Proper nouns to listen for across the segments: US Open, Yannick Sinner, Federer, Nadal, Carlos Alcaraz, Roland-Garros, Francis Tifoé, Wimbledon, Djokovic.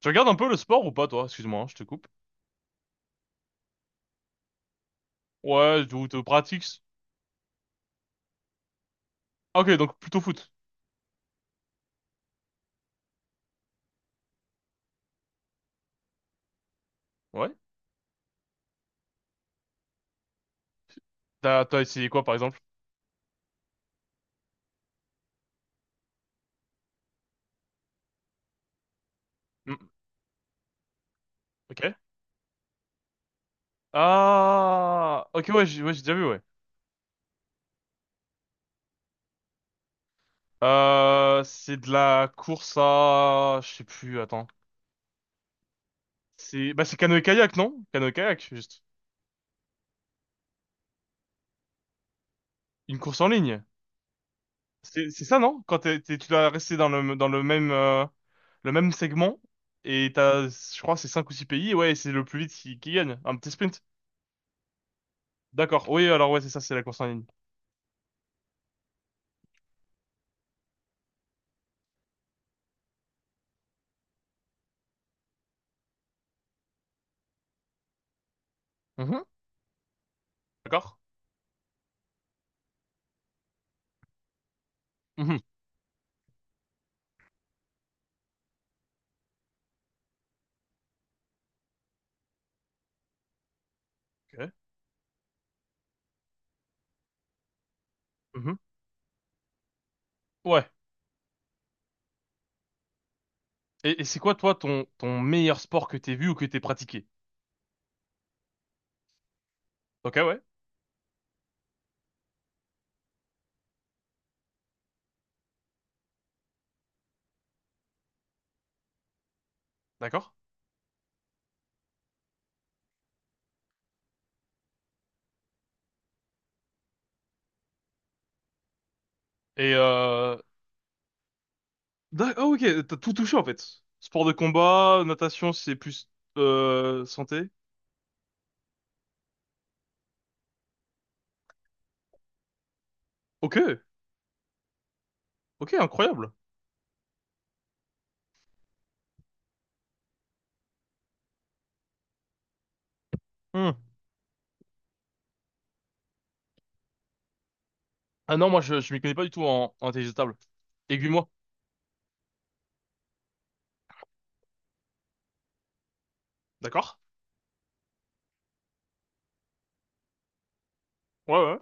Tu regardes un peu le sport ou pas, toi? Excuse-moi, hein, je te coupe. Ouais, ou te pratiques. Ah, ok, donc plutôt foot. Ouais. T'as essayé quoi, par exemple? Hmm. Ok. Ah, ok, ouais, j'ai déjà vu, ouais. C'est de la course à, je sais plus, attends. C'est, bah, c'est canoë-kayak, non? Canoë-kayak, juste. Une course en ligne. C'est ça, non? Quand tu dois rester dans le même, le même segment. Et t'as, je crois, c'est cinq ou six pays. Ouais, et c'est le plus vite qui gagne. Un petit sprint. D'accord. Oui, alors ouais, c'est ça, c'est la course en ligne. Mhm. D'accord. Mhm. Ok. Mhm. Ouais. Et c'est quoi, toi, ton meilleur sport que t'aies vu ou que t'aies pratiqué? Ok, ouais. D'accord. Et, euh... Ah, ok, t'as tout touché, en fait. Sport de combat, natation, c'est plus, santé. Ok. Ok, incroyable. Hmm. Ah non, moi, je m'y connais pas du tout en, en intelligence table. Aiguille-moi. D'accord. Ouais, ouais.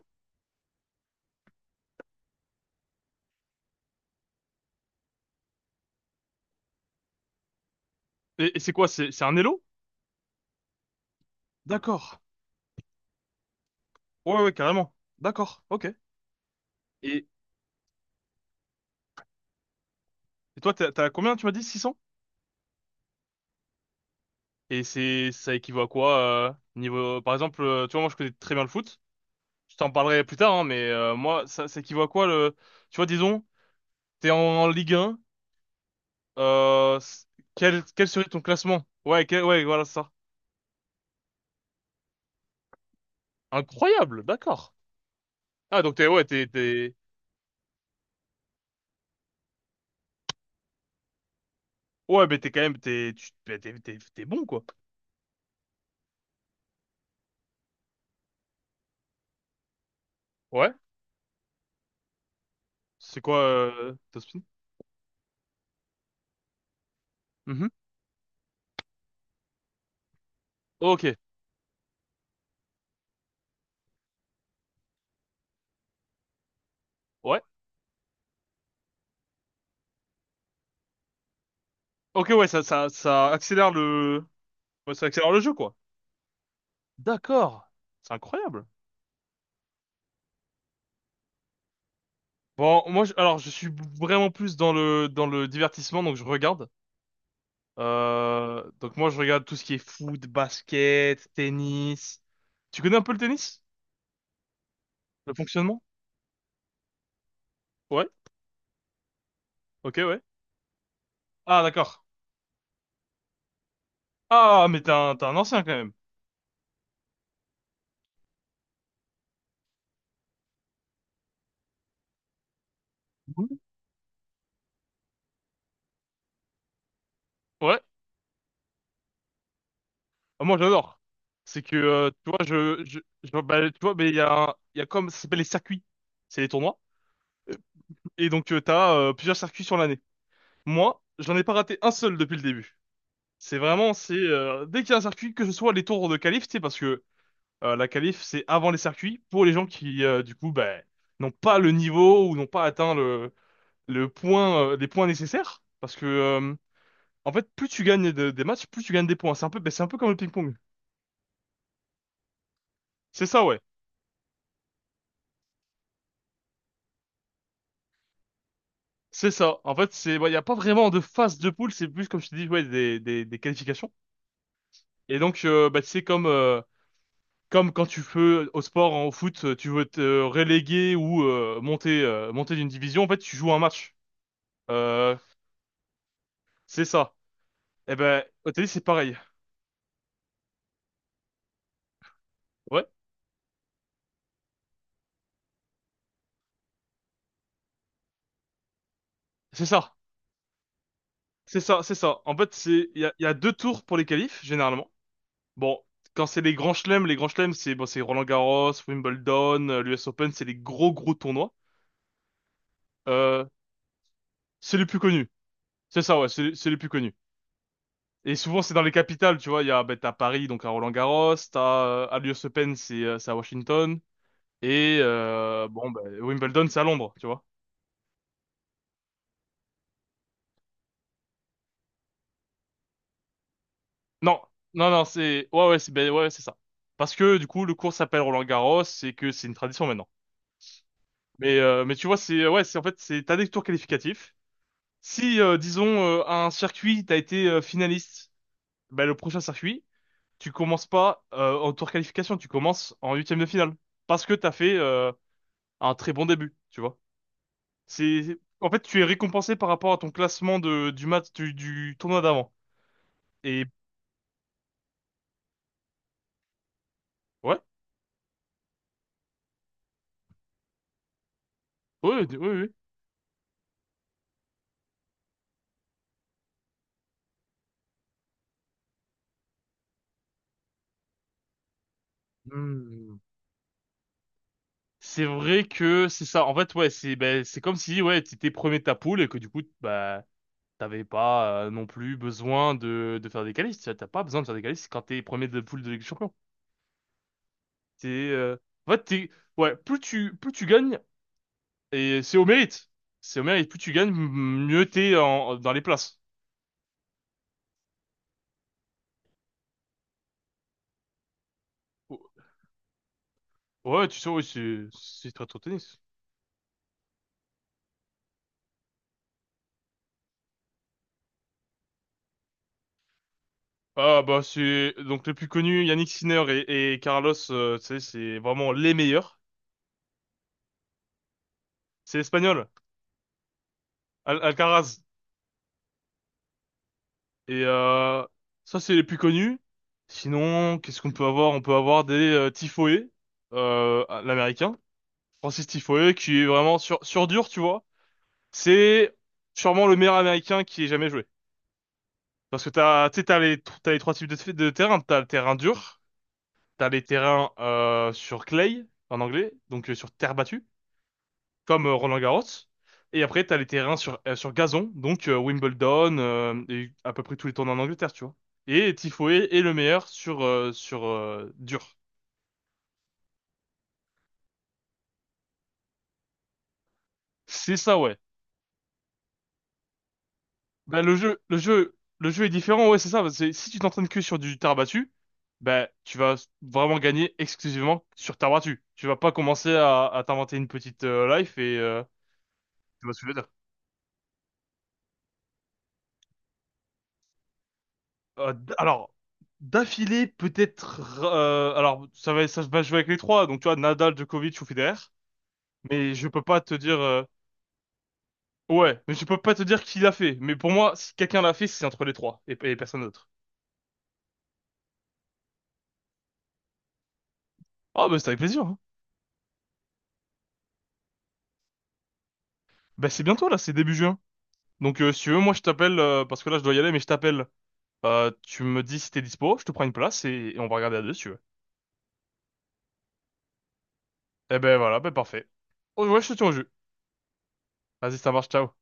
Et c'est quoi? C'est un élo? D'accord. Ouais, ouais, carrément. D'accord. Ok. Et, et toi, t'as combien, tu m'as dit? Six. Et c'est, ça équivaut à quoi, niveau, par exemple, tu vois, moi, je connais très bien le foot. Je t'en parlerai plus tard, hein, mais, moi, ça équivaut à quoi, le, tu vois, disons, t'es en, en Ligue 1, euh, s- quel, quel serait ton classement? Ouais, voilà, c'est ça. Incroyable, d'accord. Ah, donc t'es, ouais, ouais, mais t'es quand même, t'es, tu, t'es, t'es, t'es- t'es bon, quoi. Ouais. C'est quoi, Topspin? Mhm. Ok. Ouais. Ok, ouais, ça accélère le, ouais, ça accélère le jeu, quoi. D'accord. C'est incroyable. Bon, alors, je suis vraiment plus dans le divertissement, donc je regarde. Donc moi, je regarde tout ce qui est foot, basket, tennis. Tu connais un peu le tennis? Le fonctionnement? Ouais. Ok, ouais. Ah, d'accord. Ah, mais t'es un ancien quand même. Oui. Ouais. Ah, moi, j'adore. C'est que tu vois, je bah, tu vois, mais il y a il y a comme ça s'appelle les circuits. C'est les tournois. Et donc, t'as plusieurs circuits sur l'année. Moi, j'en ai pas raté un seul depuis le début. C'est vraiment, c'est dès qu'il y a un circuit, que ce soit les tours de qualif, tu sais, parce que la qualif, c'est avant les circuits, pour les gens qui, du coup, ben, n'ont pas le niveau ou n'ont pas atteint le point, les points nécessaires. Parce que, en fait, plus tu gagnes des matchs, plus tu gagnes des points. C'est un peu, ben, c'est un peu comme le ping-pong. C'est ça, ouais. C'est ça. En fait, c'est, ouais, il n'y a pas vraiment de phase de poule, c'est plus, comme je te dis, ouais, des qualifications. Et donc, bah, c'est comme, comme quand tu fais au sport, en foot, tu veux te reléguer ou monter, monter d'une division, en fait, tu joues un match. Euh, c'est ça. Eh ben, au tennis, c'est pareil. Ouais, c'est ça. C'est ça. En fait, c'est, il y a deux tours pour les qualifs, généralement. Bon, quand c'est les grands chelems, c'est bon, c'est Roland-Garros, Wimbledon, l'US Open, c'est les gros tournois. Euh, c'est les plus connus. C'est ça, ouais, c'est les plus connus. Et souvent, c'est dans les capitales, tu vois. Il y a, ben, t'as Paris, donc à Roland-Garros, t'as, à l'US Open, c'est à Washington. Et bon, bah, Wimbledon, c'est à Londres, tu vois. Non, non, non. C'est ben, ouais, c'est ça. Parce que du coup, le cours s'appelle Roland-Garros et que c'est une tradition maintenant. Mais tu vois, ouais, c'est en fait, c'est... t'as des tours qualificatifs. Si, disons, un circuit, t'as été finaliste, ben, le prochain circuit, tu commences pas en tour qualification, tu commences en huitième de finale. Parce que t'as fait un très bon début, tu vois. En fait, tu es récompensé par rapport à ton classement de, du tournoi d'avant. Et... ouais. Oui, oui, oui. Hmm. C'est vrai que c'est ça. En fait, ouais, c'est ben, c'est comme si ouais, t'étais premier de ta poule et que du coup, bah, t'avais pas non plus besoin de faire des qualifs. Tu T'as pas besoin de faire des qualifs quand t'es premier de poule de Ligue des Champions. T'es, en fait, t'es, ouais, plus tu gagnes et c'est au mérite. C'est au mérite. Plus tu gagnes, mieux t'es en, dans les places. Ouais, tu sais, ouais, c'est très trop tennis. Ah bah c'est donc les plus connus, Yannick Sinner et Carlos, tu sais, c'est vraiment les meilleurs. C'est espagnol, Alcaraz. Et ça, c'est les plus connus. Sinon, qu'est-ce qu'on peut avoir? On peut avoir des Tifoé, l'américain, Francis Tifoé, qui est vraiment sur dur, tu vois. C'est sûrement le meilleur américain qui ait jamais joué. Parce que t'as, tu sais, t'as les trois types de terrain. T'as le terrain dur, t'as les terrains sur clay, en anglais, donc sur terre battue. Comme Roland-Garros. Et après, t'as les terrains sur, sur gazon, donc Wimbledon et à peu près tous les tournois en Angleterre, tu vois. Et Tifoé est le meilleur sur, sur dur. C'est ça, ouais. Bah, le jeu est différent, ouais, c'est ça. C'est, si tu t'entraînes que sur du terre battue, bah, tu vas vraiment gagner exclusivement sur terre battue. Tu vas pas commencer à t'inventer une petite life et tu vas soulever. Alors, d'affilée, peut-être. Euh, alors, ça va jouer avec les trois. Donc, tu vois, Nadal, Djokovic ou Federer. Mais je peux pas te dire. Euh, ouais, mais je peux pas te dire qui l'a fait. Mais pour moi, si quelqu'un l'a fait, c'est entre les trois et personne d'autre. Ah, bah, c'est avec plaisir, hein. Bah, c'est bientôt là, c'est début juin. Donc, si tu veux, moi, je t'appelle. Euh, parce que là, je dois y aller, mais je t'appelle. Tu me dis si t'es dispo, je te prends une place et on va regarder à deux, si tu veux. Eh ben voilà, ben parfait. Oh, ouais, je te tiens au jeu. Vas-y, ça marche, ciao.